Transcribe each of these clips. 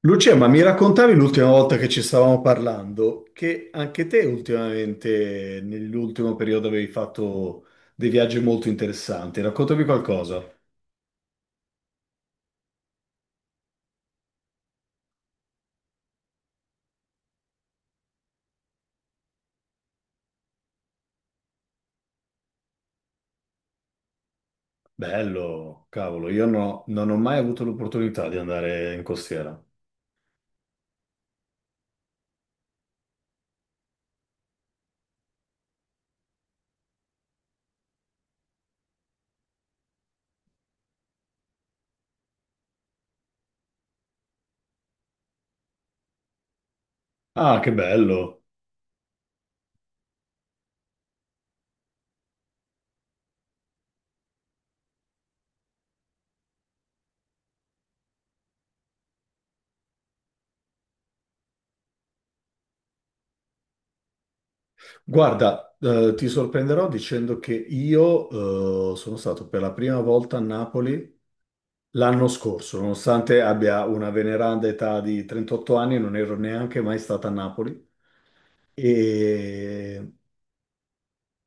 Lucia, ma mi raccontavi l'ultima volta che ci stavamo parlando che anche te ultimamente, nell'ultimo periodo, avevi fatto dei viaggi molto interessanti. Raccontami qualcosa. Bello, cavolo, io no- non ho mai avuto l'opportunità di andare in costiera. Ah, che bello. Guarda, ti sorprenderò dicendo che io sono stato per la prima volta a Napoli l'anno scorso, nonostante abbia una veneranda età di 38 anni, non ero neanche mai stato a Napoli. E,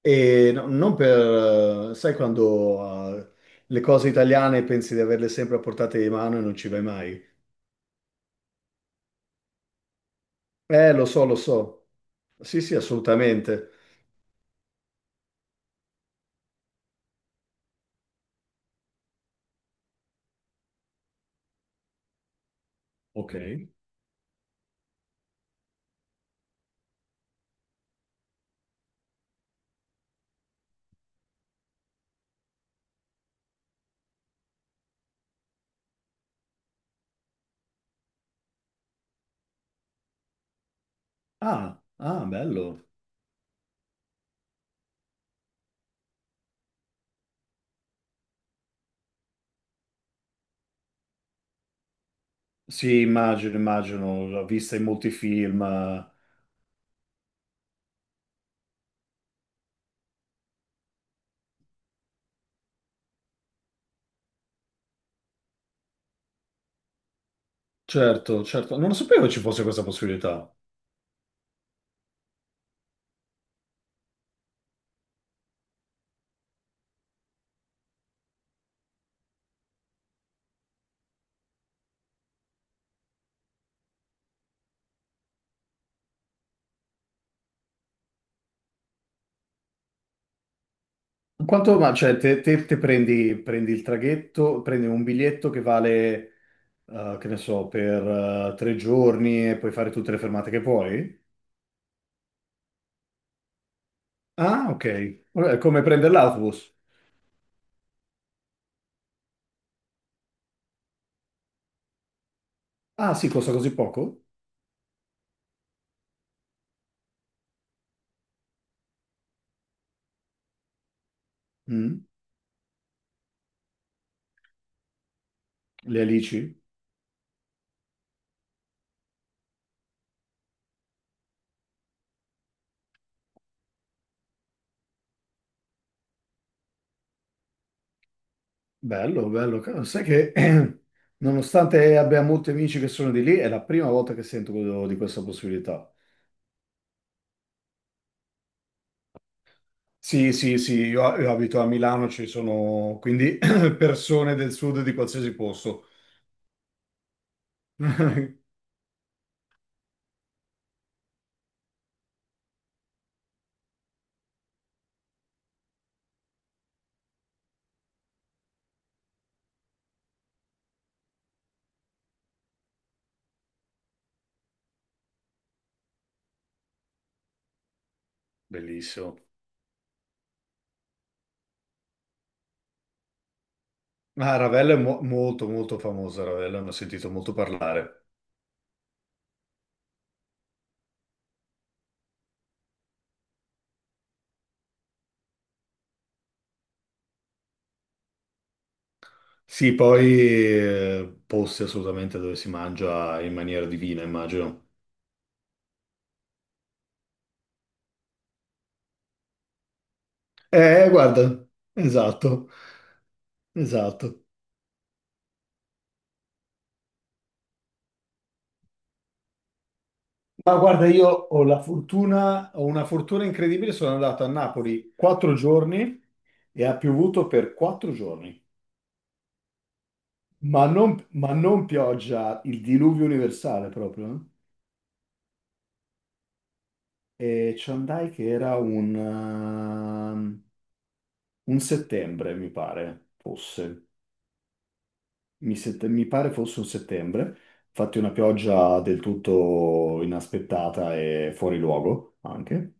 Non per, sai quando le cose italiane pensi di averle sempre a portata di mano e non ci vai mai? Lo so, lo so. Sì, sì, assolutamente. Ok. Ah, ah, bello. Sì, immagino, immagino, l'ho vista in molti film. Certo, certo. Non sapevo ci fosse questa possibilità. Quanto, ma cioè, te prendi, prendi il traghetto, prendi un biglietto che vale... che ne so, per 3 giorni e puoi fare tutte le fermate che puoi? Ah, ok. Vabbè, è come prendere l'autobus. Ah, sì, costa così poco? Mm, Le alici? Bello, bello. Sai che nonostante abbia molti amici che sono di lì, è la prima volta che sento di questa possibilità. Sì, sì, sì, io abito a Milano, ci sono quindi persone del sud di qualsiasi posto. Bellissimo. Ah, Ravello è molto, molto famosa, Ravello, ne ho sentito molto parlare. Sì, poi posti assolutamente dove si mangia in maniera divina, immagino. Guarda, esatto, esatto. Ma guarda, io ho la fortuna, ho una fortuna incredibile, sono andato a Napoli 4 giorni e ha piovuto per 4 giorni. Ma non pioggia, il diluvio universale proprio. E ci andai che era un settembre, mi pare, fosse. Mi pare fosse un settembre, infatti una pioggia del tutto inaspettata e fuori luogo anche.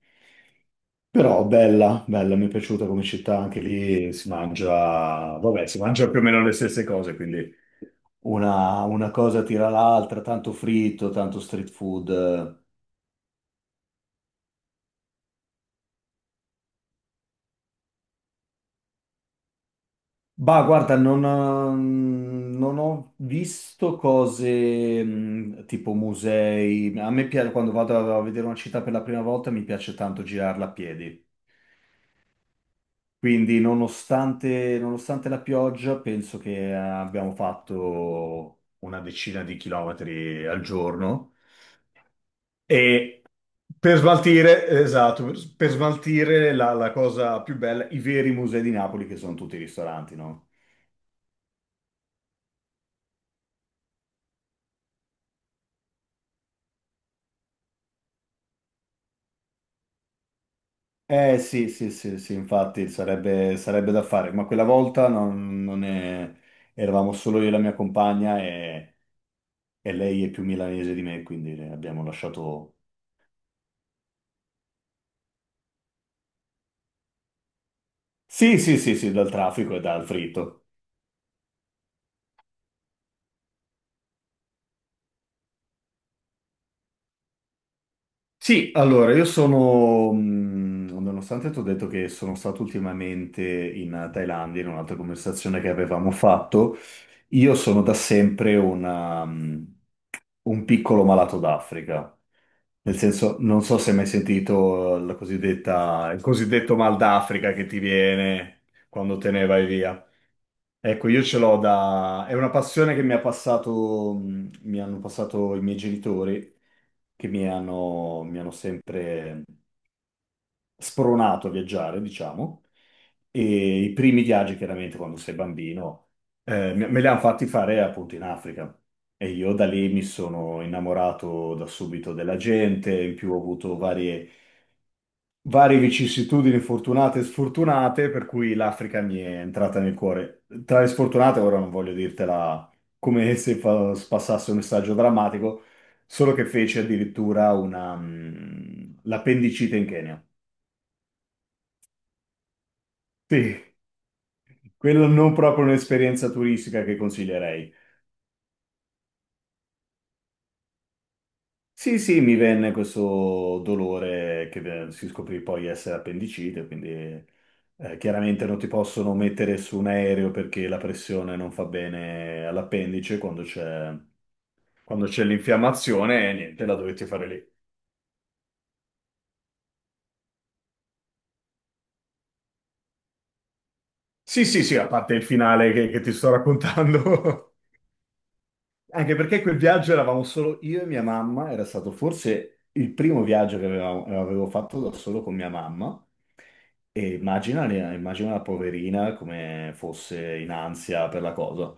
Però bella, bella, mi è piaciuta come città, anche lì si mangia, vabbè, si mangia più o meno le stesse cose, quindi una cosa tira l'altra, tanto fritto, tanto street food. Bah, guarda, non ho visto cose tipo musei. A me piace, quando vado a vedere una città per la prima volta, mi piace tanto girarla a piedi. Quindi, nonostante la pioggia, penso che abbiamo fatto una decina di chilometri al giorno. E per smaltire, esatto, per smaltire la cosa più bella, i veri musei di Napoli, che sono tutti i ristoranti, no? Eh sì, sì, sì, sì, infatti sarebbe, sarebbe da fare, ma quella volta non, non è- eravamo solo io e la mia compagna e lei è più milanese di me, quindi abbiamo lasciato. Sì, sì, sì, sì, dal traffico e dal fritto. Sì, allora, nonostante ti ho detto che sono stato ultimamente in Thailandia, in un'altra conversazione che avevamo fatto, io sono da sempre un piccolo malato d'Africa. Nel senso, non so se hai mai sentito la cosiddetta, il cosiddetto mal d'Africa che ti viene quando te ne vai via. Ecco, io ce l'ho da... È una passione che mi hanno passato i miei genitori, che mi hanno sempre spronato a viaggiare, diciamo. E i primi viaggi, chiaramente, quando sei bambino, me li hanno fatti fare appunto in Africa. E io da lì mi sono innamorato da subito della gente, in più ho avuto varie vicissitudini fortunate e sfortunate, per cui l'Africa mi è entrata nel cuore. Tra le sfortunate, ora non voglio dirtela come se fa- passasse un messaggio drammatico, solo che fece addirittura l'appendicite in Kenya. Sì, quello non proprio un'esperienza turistica che consiglierei. Sì, sì, mi venne questo dolore che si scoprì poi essere appendicite, quindi chiaramente non ti possono mettere su un aereo perché la pressione non fa bene all'appendice quando c'è l'infiammazione e niente, la dovete fare lì. Sì, sì, sì, a parte il finale che ti sto raccontando. Anche perché quel viaggio eravamo solo io e mia mamma, era stato forse il primo viaggio che avevo fatto da solo con mia mamma. E immagina, immagina la poverina come fosse in ansia per la cosa.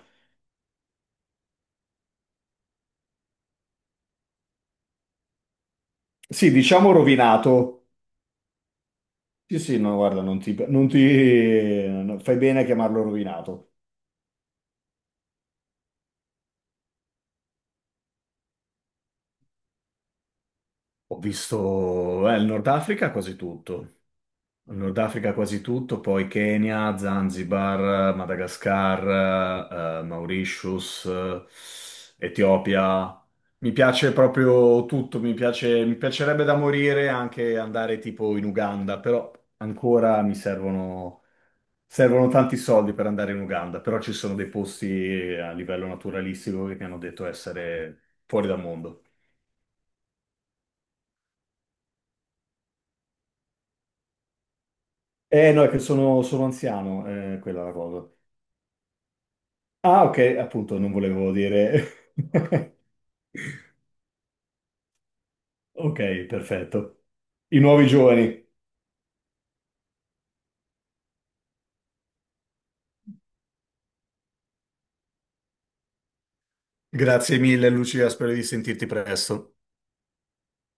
Sì, diciamo rovinato. Sì, sì, no, guarda, non ti, non ti- no, fai bene a chiamarlo rovinato. Ho visto, il Nord Africa quasi tutto. Nord Africa quasi tutto, poi Kenya, Zanzibar, Madagascar, Mauritius, Etiopia. Mi piace proprio tutto, mi piacerebbe da morire anche andare tipo in Uganda, però ancora mi servono, servono tanti soldi per andare in Uganda, però ci sono dei posti a livello naturalistico che mi hanno detto essere fuori dal mondo. Eh no, è che sono anziano, quella è la cosa. Ah, ok, appunto, non volevo dire. Ok, perfetto. I nuovi giovani. Grazie mille, Lucia, spero di sentirti presto.